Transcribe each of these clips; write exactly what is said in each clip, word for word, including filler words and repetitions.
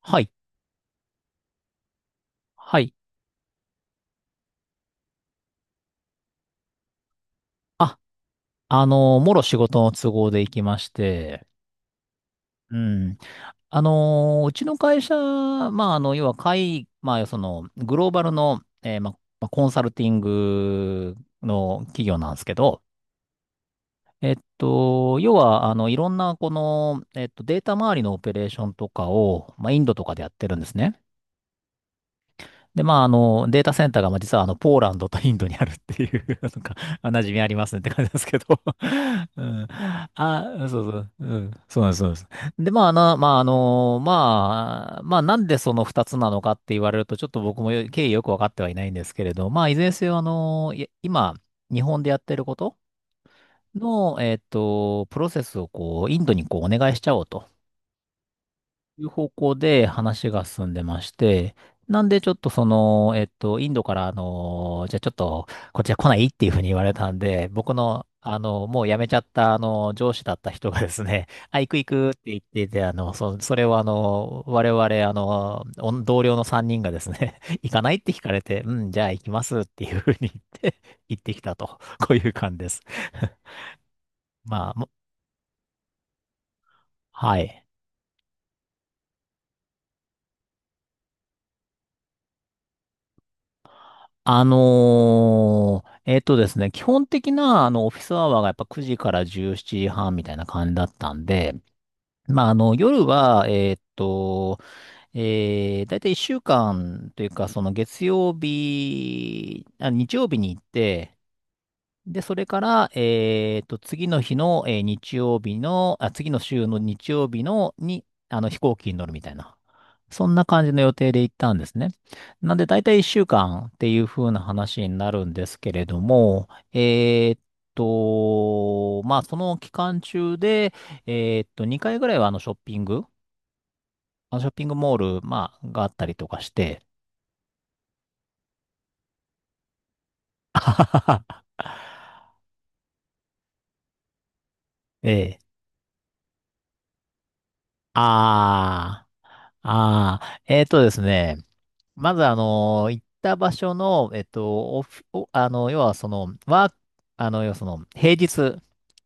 はい。はい。あ、あのー、もろ仕事の都合で行きまして、うん。あのー、うちの会社、まあ、あの、要は、会、まあ、その、グローバルの、えーまあ、まあコンサルティングの企業なんですけど、えっと、要は、あの、いろんな、この、えっと、データ周りのオペレーションとかを、まあ、インドとかでやってるんですね。で、まあ、あの、データセンターが、まあ、実は、あの、ポーランドとインドにあるっていう なんか、あ馴染みありますねって感じですけど うん。あ、そうそう、うん。そうなんです、そうなんです。で、まあ、なの、まあ、あの、まあ、まあ、なんでその二つなのかって言われると、ちょっと僕もよ経緯よくわかってはいないんですけれど、まあ、いずれにせよ、あの、い今、日本でやってることの、えっと、プロセスを、こう、インドにこう、お願いしちゃおうと。いう方向で話が進んでまして、なんでちょっとその、えっと、インドから、あの、じゃあちょっと、こっちは来ないっていうふうに言われたんで、僕の、あの、もう辞めちゃった、あの、上司だった人がですね、あ、行く行くって言ってて、あの、そ、それをあの、我々、あの、お同僚のさんにんがですね、行かないって聞かれて、うん、じゃあ行きますっていうふうに言って、行ってきたと、こういう感じです。まあ、もはい。あのーえっとですね、基本的な、あの、オフィスアワーがやっぱくじからじゅうしちじはんみたいな感じだったんで、まあ、あの、夜は、えっと、えー、だいたいいっしゅうかんというか、その月曜日、あ、日曜日に行って、で、それから、えっと、次の日の、えー日曜日の、あ、次の週の日曜日の、に、あの、飛行機に乗るみたいな。そんな感じの予定で行ったんですね。なんで、だいたいいっしゅうかんっていう風な話になるんですけれども、えーっと、まあ、その期間中で、えーっと、にかいぐらいはあのショッピング、あのショッピングモール、まあ、があったりとかして、ええ、あー、あー、えーっとですね、まず、あの、行った場所の、えっと、オフおあの、要は、その、ワーク、あの、要はその、平日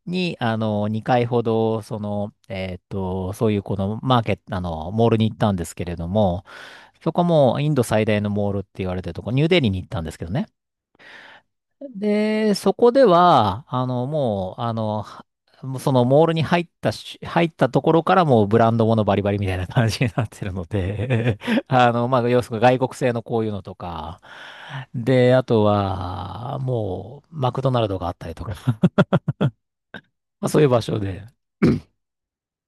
に、あの、にかいほど、その、えっと、そういう、この、マーケット、あの、モールに行ったんですけれども、そこも、インド最大のモールって言われてるとこ、ニューデリーに行ったんですけどね。で、そこでは、あの、もう、あの、はもうそのモールに入ったし、入ったところからもうブランドものバリバリみたいな感じになってるので、あの、まあ、要するに外国製のこういうのとか、で、あとは、もう、マクドナルドがあったりとか、まあ、そういう場所で、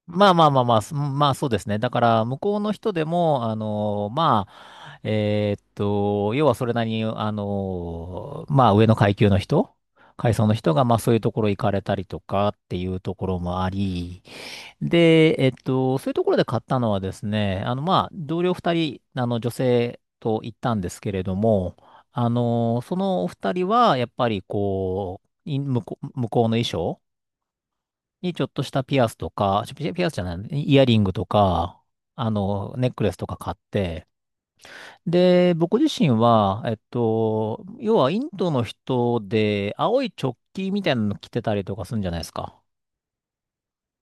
まあまあまあまあ、すまあそうですね。だから向こうの人でも、あのまあ、えーっと、要はそれなりに、あのまあ上の階級の人、階層の人が、まあそういうところ行かれたりとかっていうところもあり、で、えっと、そういうところで買ったのはですね、あのまあ同僚二人、あの女性と行ったんですけれども、あのそのお二人はやっぱりこう、い向こう、向こうの衣装にちょっとしたピアスとか、ピピアスじゃない、イヤリングとか、あの、ネックレスとか買って、で、僕自身は、えっと、要はインドの人で、青いチョッキみたいなの着てたりとかするんじゃないですか。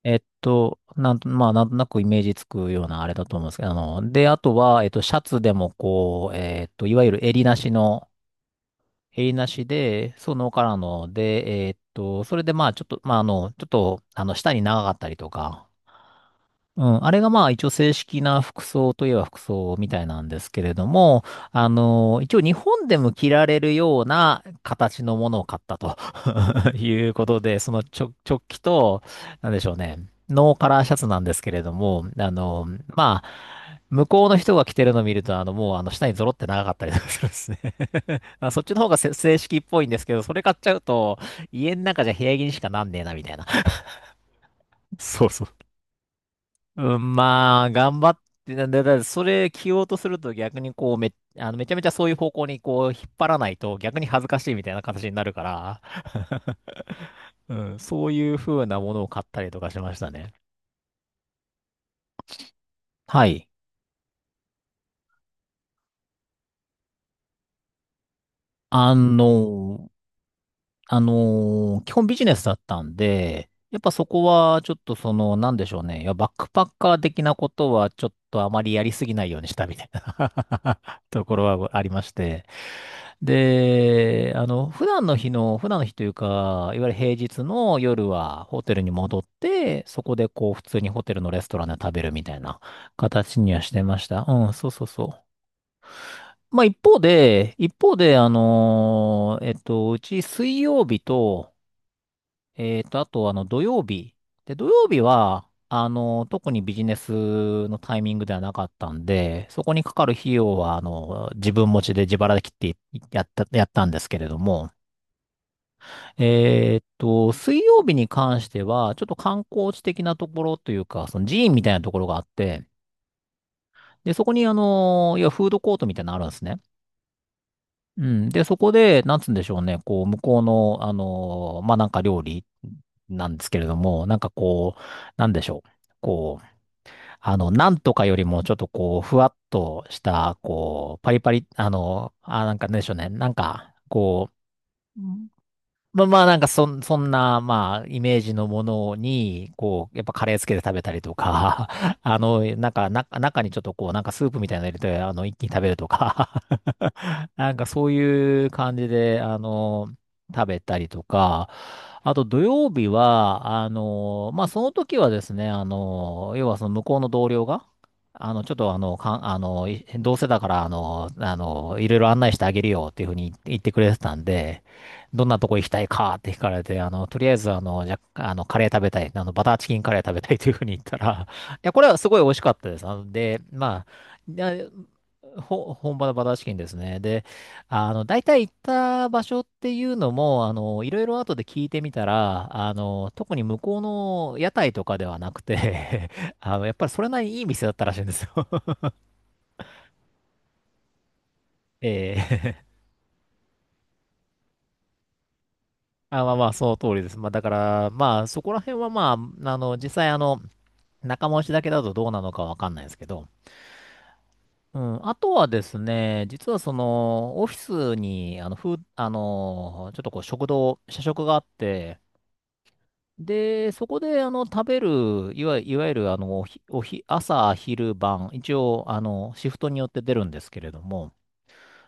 えっと、なんと、まあ、なんとなくイメージつくようなあれだと思うんですけど、あの、で、あとは、えっと、シャツでもこう、えっと、いわゆる襟なしの、襟なしで、そのカラーので、えっと、それでまあ、ちょっと、まあ、あの、ちょっと、あの、下に長かったりとか、うん、あれがまあ一応正式な服装といえば服装みたいなんですけれども、あの、一応日本でも着られるような形のものを買ったと いうことで、そのちょ、直帰と、なんでしょうね、ノーカラーシャツなんですけれども、あの、まあ、向こうの人が着てるのを見ると、あの、もうあの、下にゾロって長かったりとかするんですね あ、そっちの方がせ正式っぽいんですけど、それ買っちゃうと、家の中じゃ部屋着にしかなんねえな、みたいな。そうそう。うん、まあ、頑張って、なだ、だだそれ着ようとすると逆にこう、め、あの、めちゃめちゃそういう方向にこう、引っ張らないと逆に恥ずかしいみたいな形になるから、うん、そういう風なものを買ったりとかしましたね。はい。あの、あのー基本ビジネスだったんで、やっぱそこはちょっとその、なんでしょうね。いや、バックパッカー的なことはちょっとあまりやりすぎないようにしたみたいな ところはありまして。で、あの、普段の日の、普段の日というか、いわゆる平日の夜はホテルに戻って、そこでこう普通にホテルのレストランで食べるみたいな形にはしてました。うん、そうそうそう。まあ一方で、一方で、あのーえっと、うち水曜日と、えっと、あと、あの、土曜日。で、土曜日は、あの、特にビジネスのタイミングではなかったんで、そこにかかる費用は、あの、自分持ちで自腹で切ってやった、やったんですけれども、えっと、水曜日に関しては、ちょっと観光地的なところというか、その寺院みたいなところがあって、で、そこに、あの、いや、フードコートみたいなのあるんですね。うん。で、そこで、なんつうんでしょうね、こう、向こうの、あのーまあ、なんか料理なんですけれども、なんかこう、なんでしょう。こう、あの、なんとかよりも、ちょっとこう、ふわっとした、こう、パリパリ、あの、あ、なんかなんでしょうね、なんか、こう、まあまあ、なんかそん、そんな、まあ、イメージのものに、こう、やっぱカレーつけて食べたりとか、あの、なんか、な、中にちょっとこう、なんかスープみたいなの入れて、あの、一気に食べるとか、なんかそういう感じで、あの、食べたりとか、あと土曜日は、あの、まあ、その時はですね、あの、要はその向こうの同僚が、あの、ちょっとあの、かん、あの、いどうせだから、あの、あの、いろいろ案内してあげるよっていうふうに言ってくれてたんで、どんなとこ行きたいかって聞かれて、あの、とりあえず、あの、じゃ、あの、カレー食べたい。あの、バターチキンカレー食べたいというふうに言ったら、いや、これはすごい美味しかったです。あの、で、まあ、いやほ、本場のバターチキンですね。で、あの、大体行った場所っていうのも、あの、いろいろ後で聞いてみたら、あの、特に向こうの屋台とかではなくて、 あの、やっぱりそれなりにいい店だったらしいんですよ。ええ。あ、まあまあ、その通りです。まあ、だから、まあ、そこら辺はまあ、あの、実際あの、仲間内だけだとどうなのかわかんないですけど。うん。あとはですね、実はその、オフィスに、あの、ふう、あの、ちょっとこう、食堂、社食があって、で、そこで、あの、食べる、いわ、いわゆる、あの、おひ、おひ、朝、昼、晩、一応、あの、シフトによって出るんですけれども、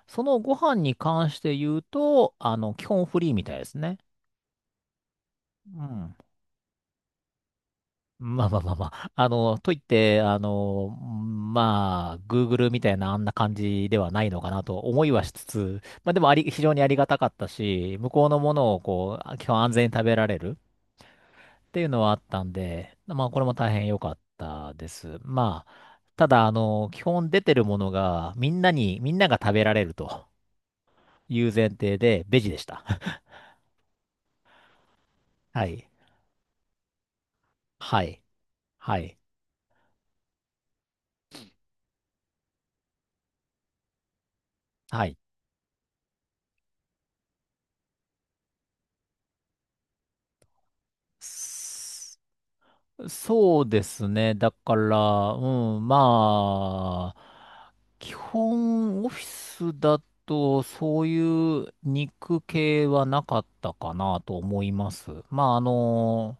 そのご飯に関して言うと、あの、基本フリーみたいですね。うん。まあまあまあまあ。あの、といって、あの、まあ、グーグル みたいなあんな感じではないのかなと思いはしつつ、まあでもあり、非常にありがたかったし、向こうのものをこう、基本安全に食べられるっていうのはあったんで、まあこれも大変良かったです。まあ、ただ、あの、基本出てるものが、みんなに、みんなが食べられるという前提で、ベジでした。はい。はい。はい。はい。そうですね。だから、うん、まあ、基本オフィスだとそういう肉系はなかったかなと思います。まあ、あの、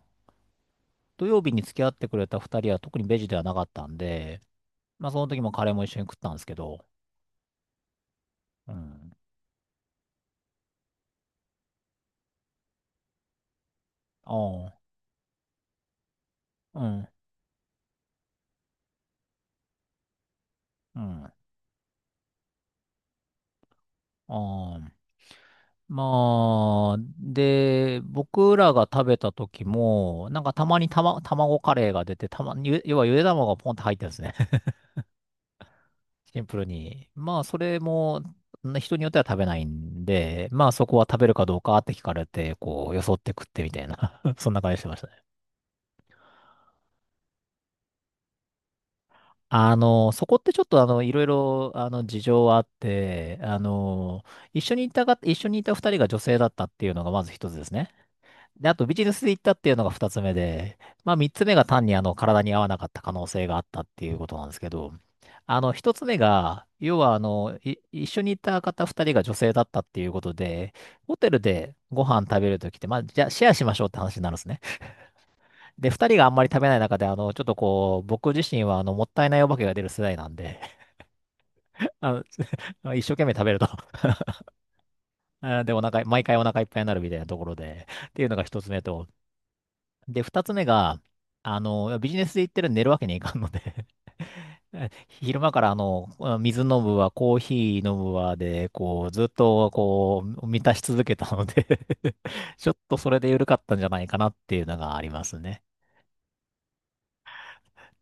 土曜日に付き合ってくれた二人は特にベジではなかったんで、まあ、その時もカレーも一緒に食ったんですけど、うん、ああ、うん、うん、ああ、まあ、で、僕らが食べた時も、なんかたまにたま、卵カレーが出て、たまに、ゆ要はゆで卵がポンって入ってるんですね。シンプルに。まあ、それも、ん人によっては食べないんで、まあそこは食べるかどうかって聞かれて、こう、よそって食ってみたいな。 そんな感じしてましたね。あの、そこってちょっとあの、いろいろ、あの、事情はあって、あの、一緒にいたが、一緒にいた二人が女性だったっていうのがまず一つですね。で、あとビジネスで行ったっていうのが二つ目で、まあみっつめが単にあの体に合わなかった可能性があったっていうことなんですけど、あの一つ目が、要はあの、い一緒に行った方二人が女性だったっていうことで、ホテルでご飯食べるときって、まあじゃあシェアしましょうって話になるんですね。で、二人があんまり食べない中で、あの、ちょっとこう、僕自身はあの、もったいないお化けが出る世代なんで、あの、一生懸命食べると。 あーで、お腹い、毎回お腹いっぱいになるみたいなところで、っていうのが一つ目と、で、二つ目が、あの、ビジネスで行ってるんで寝るわけにいかんので、 昼間からあの、水飲むわ、コーヒー飲むわで、こう、ずっと、こう、満たし続けたので、 ちょっとそれで緩かったんじゃないかなっていうのがありますね。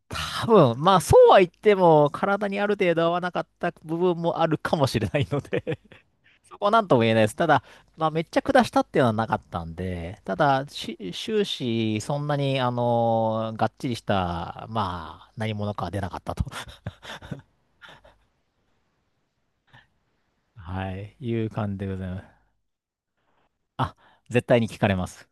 多分、まあ、そうは言っても、体にある程度合わなかった部分もあるかもしれないので、そこはなんとも言えないです。ただ、まあ、めっちゃ下したっていうのはなかったんで、ただ、し終始、そんなに、あのーがっちりした、まあ、何者かは出なかったと、はい、いう感じでございます。あ、絶対に聞かれます。